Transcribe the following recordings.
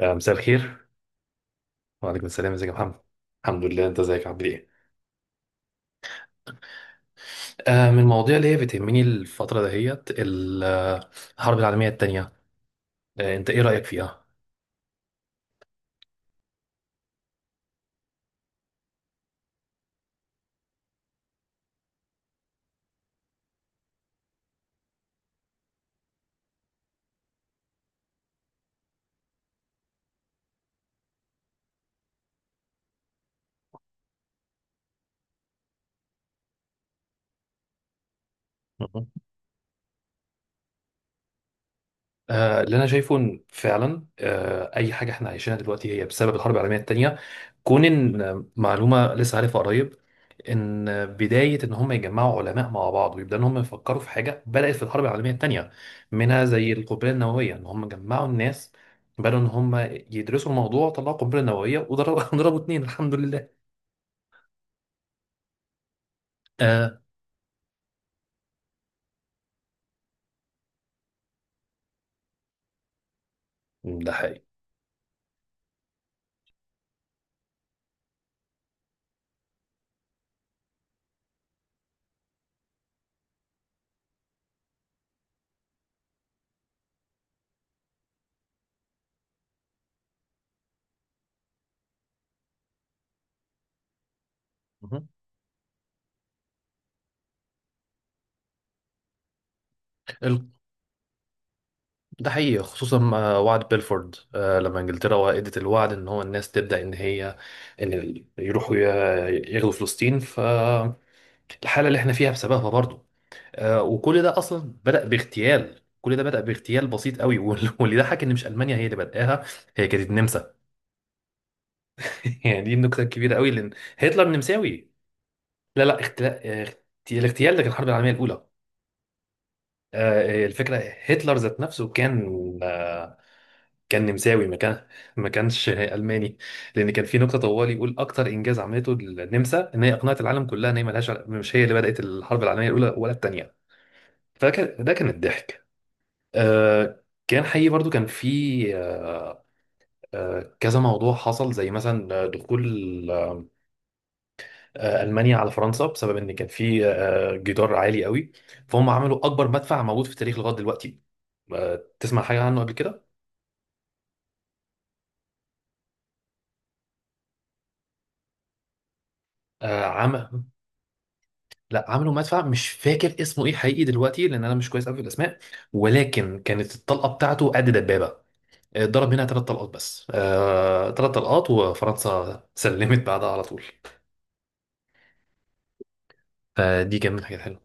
مساء الخير. وعليكم السلام، ازيك يا محمد؟ الحمد لله، انت ازيك عامل ايه؟ من المواضيع اللي هي بتهمني الفترة دهيت الحرب العالمية التانية. انت ايه رأيك فيها؟ اللي انا شايفه إن فعلا اي حاجه احنا عايشينها دلوقتي هي بسبب الحرب العالميه الثانيه. كون ان معلومه لسه عارفها قريب، ان بدايه ان هم يجمعوا علماء مع بعض ويبداوا ان هم يفكروا في حاجه بدات في الحرب العالميه الثانيه، منها زي القنبله النوويه، ان هم جمعوا الناس، بدأوا ان هم يدرسوا الموضوع وطلعوا قنبله نوويه وضربوا ضربوا اتنين، الحمد لله. آه. ده حقيقي. مهم. ده حقيقي خصوصا مع وعد بيلفورد، لما انجلترا وقعت الوعد ان هو الناس تبدا ان هي يروحوا يغزوا فلسطين، فالحاله اللي احنا فيها بسببها برضو. وكل ده اصلا بدا باغتيال، كل ده بدا باغتيال بسيط قوي واللي ضحك ان مش المانيا هي اللي بداها، هي كانت النمسا. يعني دي النكته الكبيره قوي، لان هتلر نمساوي. لا، لا، الاغتيال ده كان الحرب العالميه الاولى. الفكره هتلر ذات نفسه كان، آه، كان نمساوي ما كان، ما كانش الماني. لان كان في نكته طوال يقول اكتر انجاز عملته النمسا ان هي اقنعت العالم كلها ان هي مش هي اللي بدات الحرب العالميه الاولى ولا الثانيه. فكان ده كان الضحك. كان حقيقي برضو، كان في آه كذا موضوع حصل، زي مثلا دخول المانيا على فرنسا، بسبب ان كان في جدار عالي قوي. فهم عملوا اكبر مدفع موجود في التاريخ لغايه دلوقتي. تسمع حاجه عنه قبل كده؟ عام. لا، عملوا مدفع مش فاكر اسمه ايه حقيقي دلوقتي، لان انا مش كويس قوي في الاسماء. ولكن كانت الطلقه بتاعته قد دبابه. ضرب منها ثلاث طلقات بس، ثلاث طلقات وفرنسا سلمت بعدها على طول. فدي كانت من الحاجات الحلوه.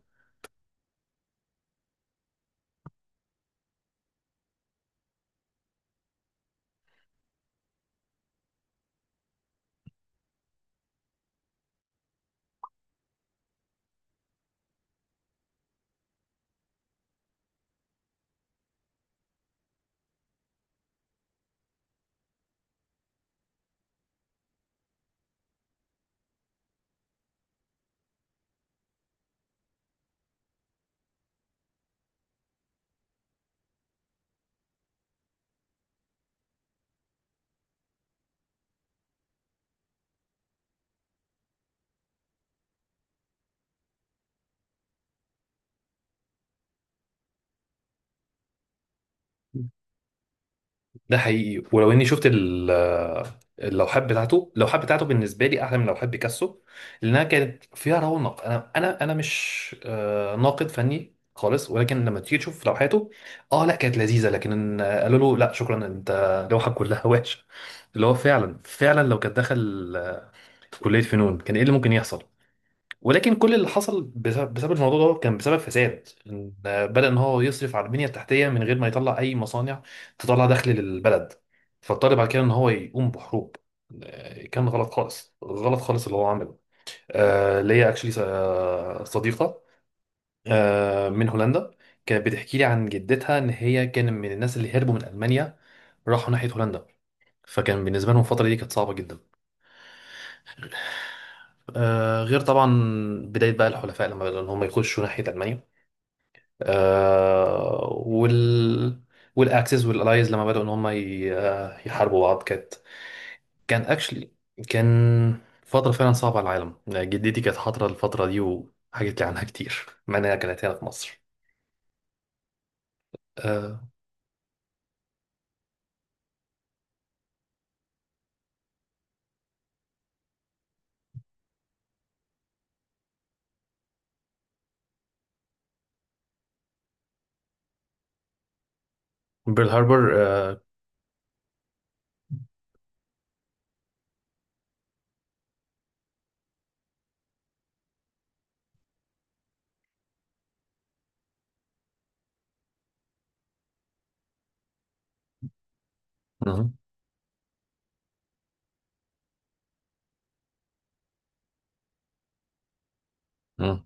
ده حقيقي، ولو اني شفت اللوحات بتاعته بالنسبه لي احلى من لوحات بيكاسو، لانها كانت فيها رونق. انا مش ناقد فني خالص، ولكن لما تيجي تشوف لوحاته، اه لا كانت لذيذه، لكن قالوا له لا شكرا، انت لوحك كلها وحشه. اللي هو فعلا فعلا لو كان دخل، كليه فنون، كان ايه اللي ممكن يحصل؟ ولكن كل اللي حصل بسبب الموضوع ده كان بسبب فساد، إن بدأ ان هو يصرف على البنية التحتية من غير ما يطلع اي مصانع تطلع دخل للبلد، فاضطر بعد كده ان هو يقوم بحروب. كان غلط خالص، غلط خالص اللي هو عمله. ليا اكشلي صديقة من هولندا، كانت بتحكي لي عن جدتها ان هي كان من الناس اللي هربوا من ألمانيا، راحوا ناحية هولندا. فكان بالنسبة لهم الفترة دي كانت صعبة جدا. غير طبعا بداية بقى الحلفاء لما بدأوا إن هم يخشوا ناحية ألمانيا. آه، وال والأكسس والألايز لما بدأوا إن هم يحاربوا بعض. كان أكشلي كان فترة فعلا صعبة على العالم، يعني جدتي كانت حاضرة الفترة دي وحكت لي عنها كتير، مع إنها كانت هنا في مصر. آه، بيرل هاربر. مهم. مهم.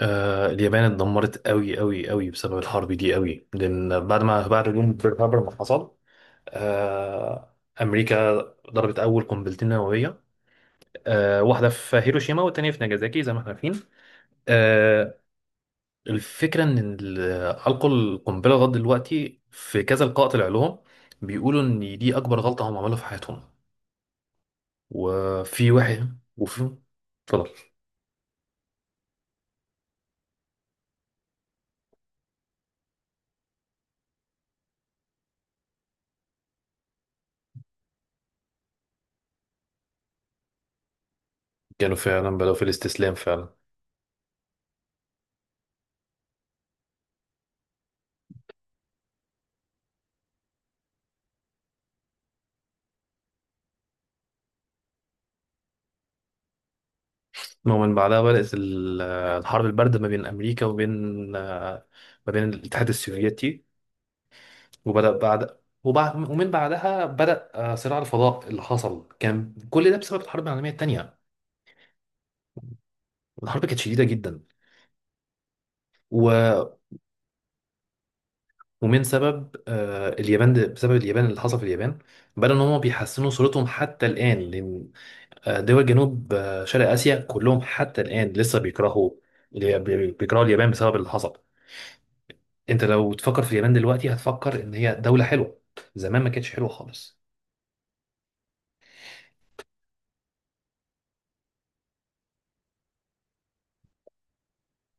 اليابان اتدمرت قوي قوي قوي بسبب الحرب دي قوي، لأن بعد هجوم بيرل هاربر ما حصل، آه، أمريكا ضربت أول قنبلتين نووية، واحدة في هيروشيما والتانية في ناجازاكي، زي ما احنا عارفين. آه، الفكرة إن ألقوا القنبلة. لغاية دلوقتي في كذا لقاء طلع لهم بيقولوا إن دي أكبر غلطة هم عملوها في حياتهم. وفي واحد وفي اتفضل. كانوا فعلا بدأوا في الاستسلام فعلا. المهم، من بعدها بدأت الحرب الباردة ما بين أمريكا وبين، ما بين الاتحاد السوفيتي. وبدأ بعد وبعد ومن بعدها بدأ صراع الفضاء اللي حصل، كان كل ده بسبب الحرب العالمية التانية. الحرب كانت شديدة جدا. و... ومن سبب اليابان، ده بسبب اليابان اللي حصل في اليابان، بدأوا إن هم بيحسنوا صورتهم حتى الآن، لأن دول جنوب شرق آسيا كلهم حتى الآن لسه بيكرهوا، بيكرهوا اليابان بسبب اللي حصل. أنت لو تفكر في اليابان دلوقتي هتفكر إن هي دولة حلوة، زمان ما كانتش حلوة خالص.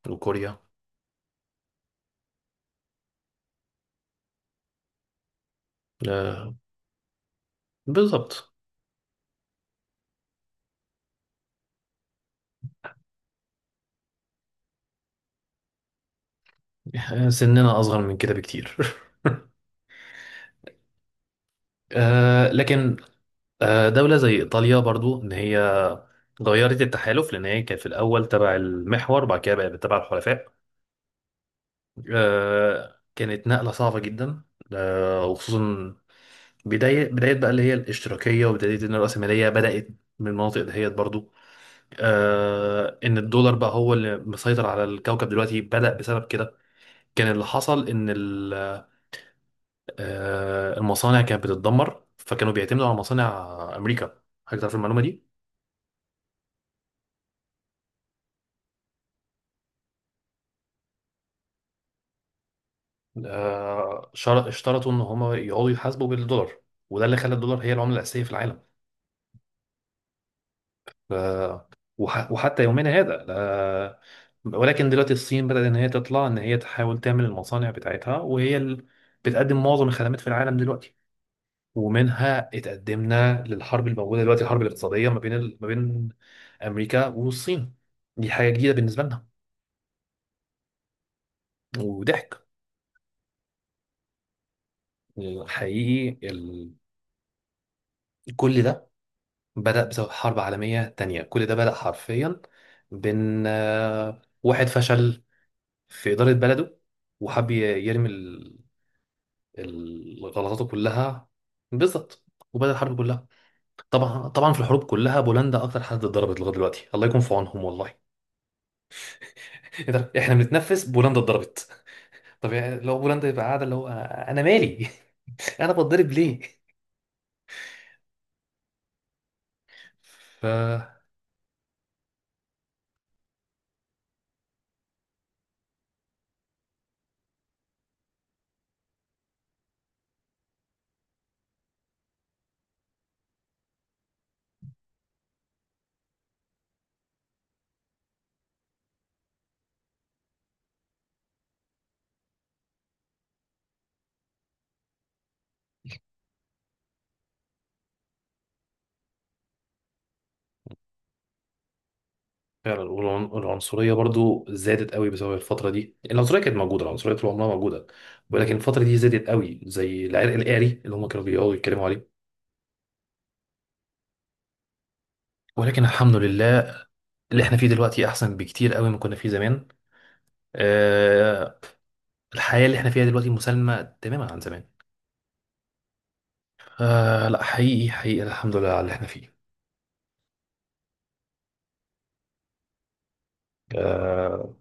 وكوريا. بالظبط. سننا أصغر من كده بكتير لكن دولة زي إيطاليا برضو، إن هي غيرت التحالف، لأن هي كانت في الأول تبع المحور بعد كده بقت تبع الحلفاء. كانت نقلة صعبة جدا. وخصوصا بداية بقى اللي هي الاشتراكية، وبداية إن الرأسمالية بدأت من المناطق دهيت برضو. إن الدولار بقى هو اللي مسيطر على الكوكب دلوقتي بدأ بسبب كده. كان اللي حصل إن المصانع كانت بتتدمر، فكانوا بيعتمدوا على مصانع امريكا. حضرتك تعرف المعلومه دي؟ اشترطوا ان هم يقعدوا يحاسبوا بالدولار، وده اللي خلى الدولار هي العمله الاساسيه في العالم. آه، وحتى يومنا هذا. ولكن دلوقتي الصين بدأت ان هي تطلع، ان هي تحاول تعمل المصانع بتاعتها، وهي اللي بتقدم معظم الخدمات في العالم دلوقتي. ومنها اتقدمنا للحرب الموجوده دلوقتي، الحرب الاقتصاديه ما بين ما بين امريكا والصين. دي حاجه جديده بالنسبه لنا، وضحك. حقيقي كل ده بدأ بسبب حرب عالمية تانية، كل ده بدأ حرفيا بين واحد فشل في إدارة بلده، وحب يرمي الغلطاته كلها. بالظبط، وبدأ الحرب كلها. طبعا طبعا، في الحروب كلها بولندا أكتر حد اتضربت لغاية دلوقتي، الله يكون في عونهم والله. إيه ده؟ إحنا بنتنفس بولندا اتضربت؟ طب يعني لو بولندا يبقى قاعدة اللي هو، أنا مالي. أنا بتضرب ليه؟ فعلا. والعنصرية برضو زادت قوي بسبب الفترة دي. العنصرية كانت موجودة، العنصرية طول عمرها موجودة. ولكن الفترة دي زادت قوي، زي العرق القاري اللي هم كانوا بيقعدوا يتكلموا عليه. ولكن الحمد لله، اللي احنا فيه دلوقتي أحسن بكتير قوي ما كنا فيه زمان. أه. الحياة اللي احنا فيها دلوقتي مسالمة تماما عن زمان. أه، لا حقيقي حقيقي، الحمد لله على اللي احنا فيه. أه.